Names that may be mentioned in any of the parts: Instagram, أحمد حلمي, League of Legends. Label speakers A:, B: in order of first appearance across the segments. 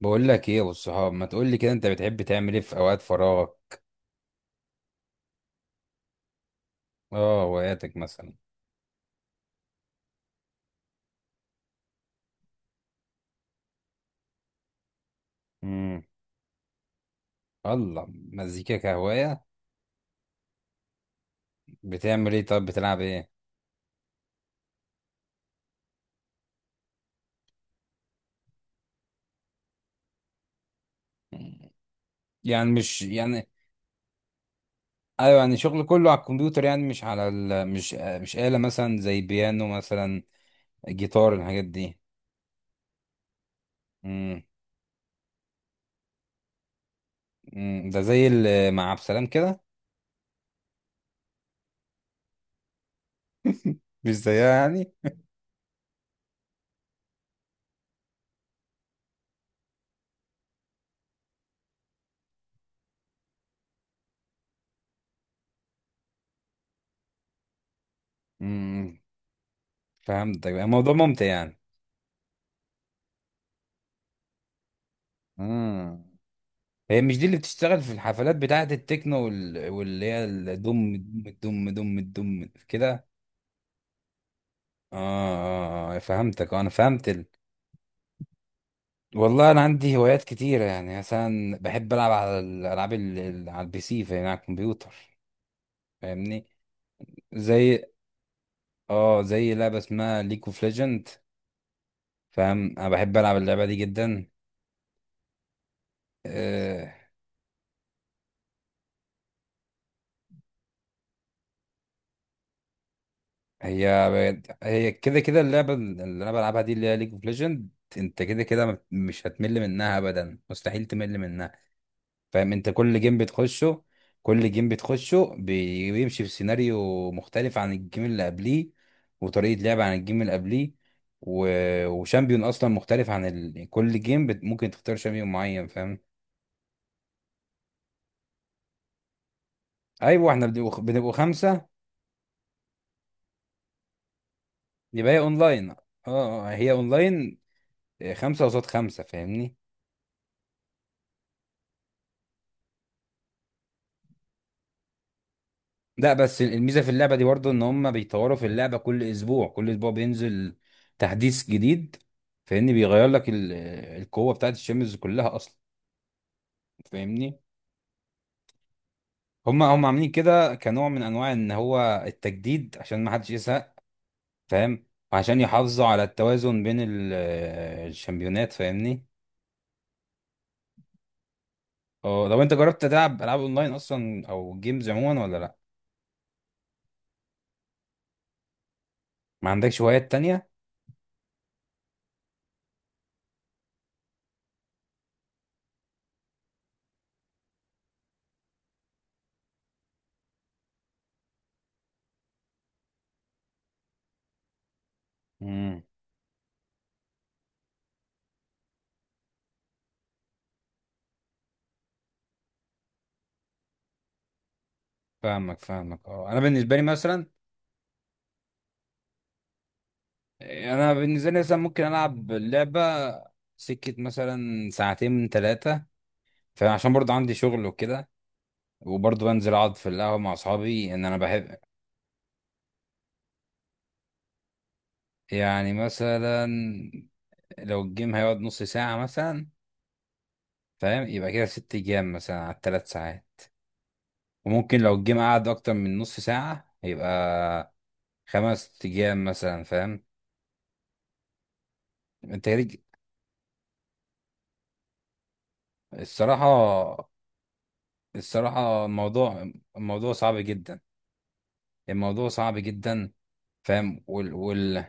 A: بقول لك ايه يا ابو الصحاب؟ ما تقول لي كده، انت بتحب تعمل ايه في اوقات فراغك؟ اه، هواياتك مثلا. امم. الله. مزيكا كهوايه؟ بتعمل ايه؟ طب بتلعب ايه؟ مم. يعني مش يعني. ايوه، يعني شغل كله على الكمبيوتر، يعني مش على مش آلة مثلا، زي بيانو مثلا، جيتار، الحاجات دي. امم. أمم، ده زي مع عبد السلام كده. مش زيها يعني. امم. فهمتك، الموضوع ممتع يعني. امم. هي مش دي اللي بتشتغل في الحفلات بتاعة التكنو واللي هي الدم. دم دم دم دم كده. آه, آه, آه، فهمتك، آه، أنا فهمت. والله أنا عندي هوايات كتيرة، يعني مثلا بحب ألعب على الألعاب على البي سي، فاهم، على الكمبيوتر. فاهمني؟ زي اه، زي لعبة اسمها ليج اوف ليجند. فاهم، أنا بحب ألعب اللعبة دي جدا. آه، هي هي كده كده اللعبة اللي انا بلعبها دي اللي هي ليج اوف ليجند، انت كده كده مش هتمل منها ابدا، مستحيل تمل منها. فاهم، انت كل جيم بتخشه. كل جيم بتخشه بيمشي في سيناريو مختلف عن الجيم اللي قبليه، وطريقة لعب عن الجيم اللي قبليه، و... وشامبيون اصلا مختلف عن ال... كل جيم بت... ممكن تختار شامبيون معين، فاهم؟ ايوه، احنا بنبقوا خمسة. يبقى هي اونلاين، اه. آه، هي اونلاين. آه، خمسة قصاد خمسة، فاهمني؟ لا بس الميزه في اللعبه دي برضه ان هم بيطوروا في اللعبه، كل اسبوع كل اسبوع بينزل تحديث جديد. فاهمني؟ بيغير لك القوه بتاعت الشمس كلها اصلا. فاهمني؟ هم عاملين كده كنوع من انواع ان هو التجديد عشان ما حدش يزهق، فاهم؟ وعشان يحافظوا على التوازن بين الشامبيونات، فاهمني؟ اه، لو انت جربت تلعب العاب اونلاين اصلا او جيمز عموما ولا لا؟ ما عندكش هوايات تانية؟ امم. فاهمك، فاهمك، اه، انا بالنسبه لي مثلا، ممكن العب اللعبه سكه مثلا ساعتين من ثلاثه، فعشان برضه عندي شغل وكده، وبرضه بنزل اقعد في القهوه مع اصحابي ان انا بحب. يعني مثلا، لو الجيم هيقعد نص ساعه مثلا، فاهم، يبقى كده ست جيام مثلا على الثلاث ساعات، وممكن لو الجيم قعد اكتر من نص ساعه يبقى خمس جيام مثلا، فاهم؟ انت ليك- الصراحه الصراحه، الموضوع صعب جدا، الموضوع صعب جدا، فاهم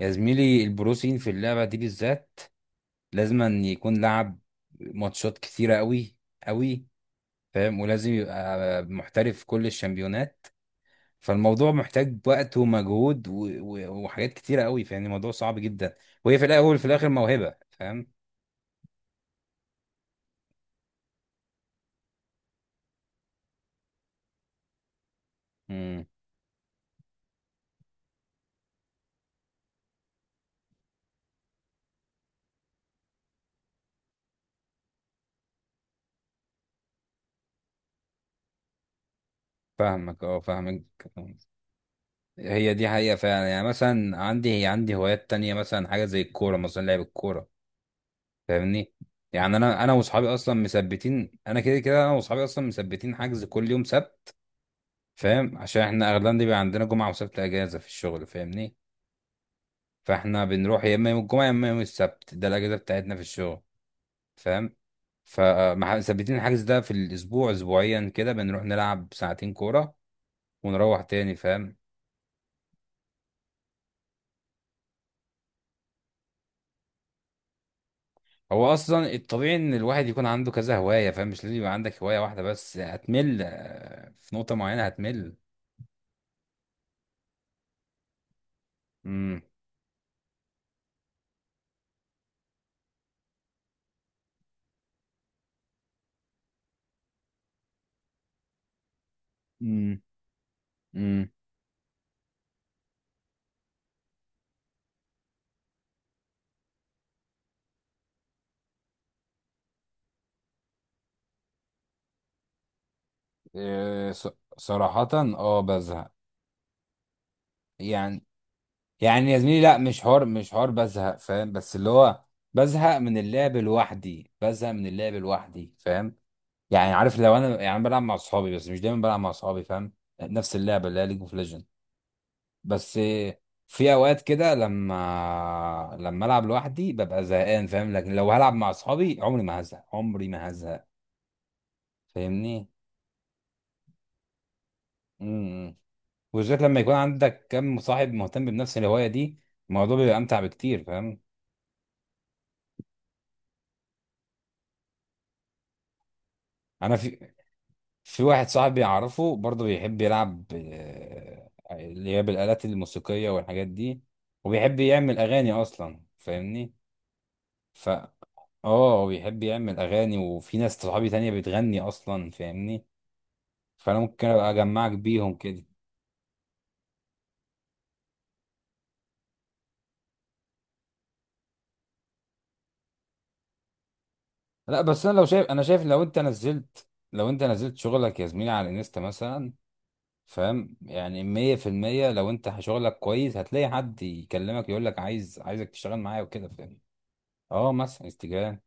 A: يا زميلي، البروسين في اللعبة دي بالذات لازم أن يكون لعب ماتشات كتيرة قوي قوي، فاهم؟ ولازم يبقى محترف في كل الشامبيونات، فالموضوع محتاج وقت ومجهود وحاجات كتيرة قوي، فاهم؟ الموضوع صعب جدا، وهي في الأول وفي الآخر موهبة، فاهم؟ امم، فاهمك، اه، فاهمك. هي دي حقيقة فعلا، يعني مثلا عندي عندي هوايات تانية، مثلا حاجة زي الكورة، مثلا لعب الكورة، فاهمني؟ يعني انا واصحابي اصلا مثبتين، انا كده كده انا واصحابي اصلا مثبتين حجز كل يوم سبت. فاهم، عشان احنا اغلبنا بيبقى عندنا جمعه وسبت اجازه في الشغل، فاهمني؟ فاحنا بنروح يا اما يوم الجمعه يا اما يوم السبت، ده الاجازه بتاعتنا في الشغل، فاهم؟ فمثبتين الحجز ده في الاسبوع اسبوعيا كده، بنروح نلعب ساعتين كوره ونروح تاني، فاهم؟ هو اصلا الطبيعي ان الواحد يكون عنده كذا هوايه، فاهم؟ مش لازم يبقى عندك هوايه واحده بس، هتمل، في نقطه معينه هتمل. امم. امم. إيه، ص- صراحة اه بزهق يعني يعني يا زميلي لا مش حوار مش حوار بزهق فاهم بس اللي هو بزهق من اللعب لوحدي بزهق من اللعب لوحدي فاهم يعني عارف لو انا يعني أنا بلعب مع اصحابي بس مش دايما بلعب مع اصحابي فاهم نفس اللعبة اللي هي ليج اوف ليجند بس إيه، في اوقات كده لما لما العب لوحدي ببقى زهقان فاهم لكن لو هلعب مع اصحابي عمري ما هزهق عمري ما هزهق فاهمني إمم. وبالذات لما يكون عندك كم صاحب مهتم بنفس الهواية دي، الموضوع بيبقى أمتع بكتير، فاهم؟ أنا في في واحد صاحبي أعرفه برضه بيحب يلعب، اللي هي بالآلات الموسيقية والحاجات دي، وبيحب يعمل أغاني أصلا، فاهمني؟ ف اه، بيحب يعمل أغاني، وفي ناس صحابي تانية بتغني أصلا، فاهمني؟ فأنا ممكن أبقى أجمعك بيهم كده. لا بس أنا شايف لو أنت نزلت، لو أنت نزلت شغلك يا زميلي على الانستا مثلا، فاهم؟ يعني مية في المية لو انت شغلك كويس هتلاقي حد يكلمك يقول لك عايزك تشتغل معايا وكده، فاهم؟ اه، مثلا استجابة.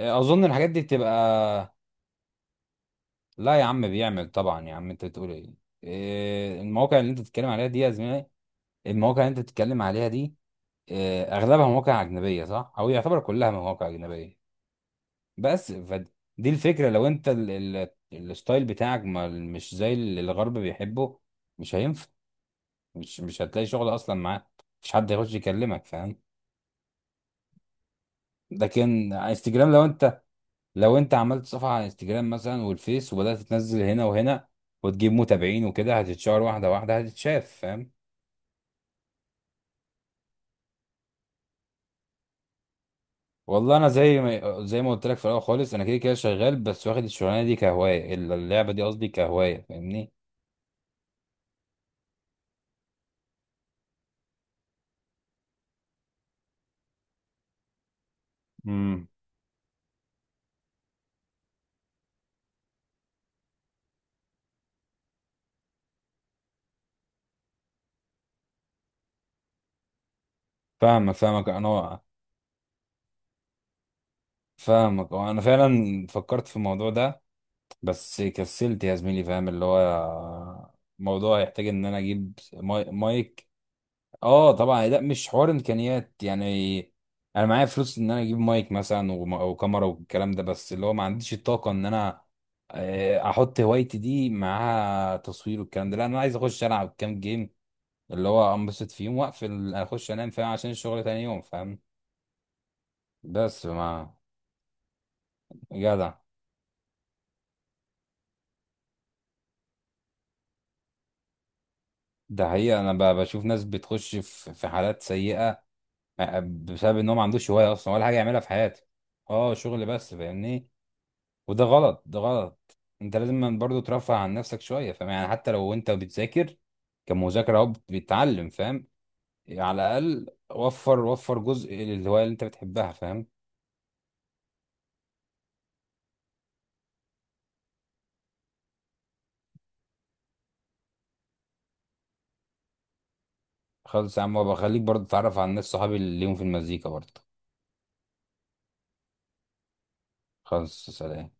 A: اظن الحاجات دي بتبقى. لا يا عم، بيعمل طبعا يا عم، انت بتقول ايه؟ إيه، المواقع اللي انت بتتكلم عليها دي، إيه، اغلبها مواقع اجنبية، صح؟ او يعتبر كلها مواقع اجنبية. بس فدي الفكرة، لو انت الستايل بتاعك ما مش زي اللي الغرب بيحبه، مش هينفع، مش هتلاقي شغل اصلا معاه، مفيش حد هيخش يكلمك، فاهم؟ لكن على انستجرام، لو انت عملت صفحه على انستجرام مثلا والفيس، وبدات تنزل هنا وهنا وتجيب متابعين وكده، هتتشهر، واحده واحده هتتشاف، فاهم؟ والله انا زي ما قلت لك في الاول خالص، انا كده كده شغال بس واخد الشغلانه دي كهوايه، اللعبه دي قصدي كهوايه، فاهمني؟ امم، فاهمك، فاهمك انا. فاهمك، انا فعلا فكرت في الموضوع ده بس كسلت يا زميلي، فاهم؟ اللي هو الموضوع يحتاج ان انا اجيب مايك. اه طبعا، لا مش حوار امكانيات يعني، انا معايا فلوس ان انا اجيب مايك مثلا وكاميرا والكلام ده، بس اللي هو ما عنديش الطاقة ان انا احط هوايتي دي معاها تصوير والكلام ده، لا انا عايز اخش العب كام جيم اللي هو انبسط فيهم واقفل اخش انام، فاهم؟ عشان الشغل تاني يوم، فاهم؟ بس ما جدع. ده حقيقة انا بشوف ناس بتخش في حالات سيئة بسبب ان هو ما عندوش هوايه اصلا ولا حاجه يعملها في حياته. اه، شغل بس، فاهمني؟ وده غلط ده غلط، انت لازم برضه ترفه عن نفسك شويه، فاهم؟ يعني حتى لو انت بتذاكر كمذاكره، اهو بتتعلم، فاهم؟ على الاقل وفر وفر جزء للهوايه اللي انت بتحبها، فاهم؟ خلص يا عم، وبخليك برضه تتعرف على الناس صحابي اللي ليهم في المزيكا برضه. خلص، سلام.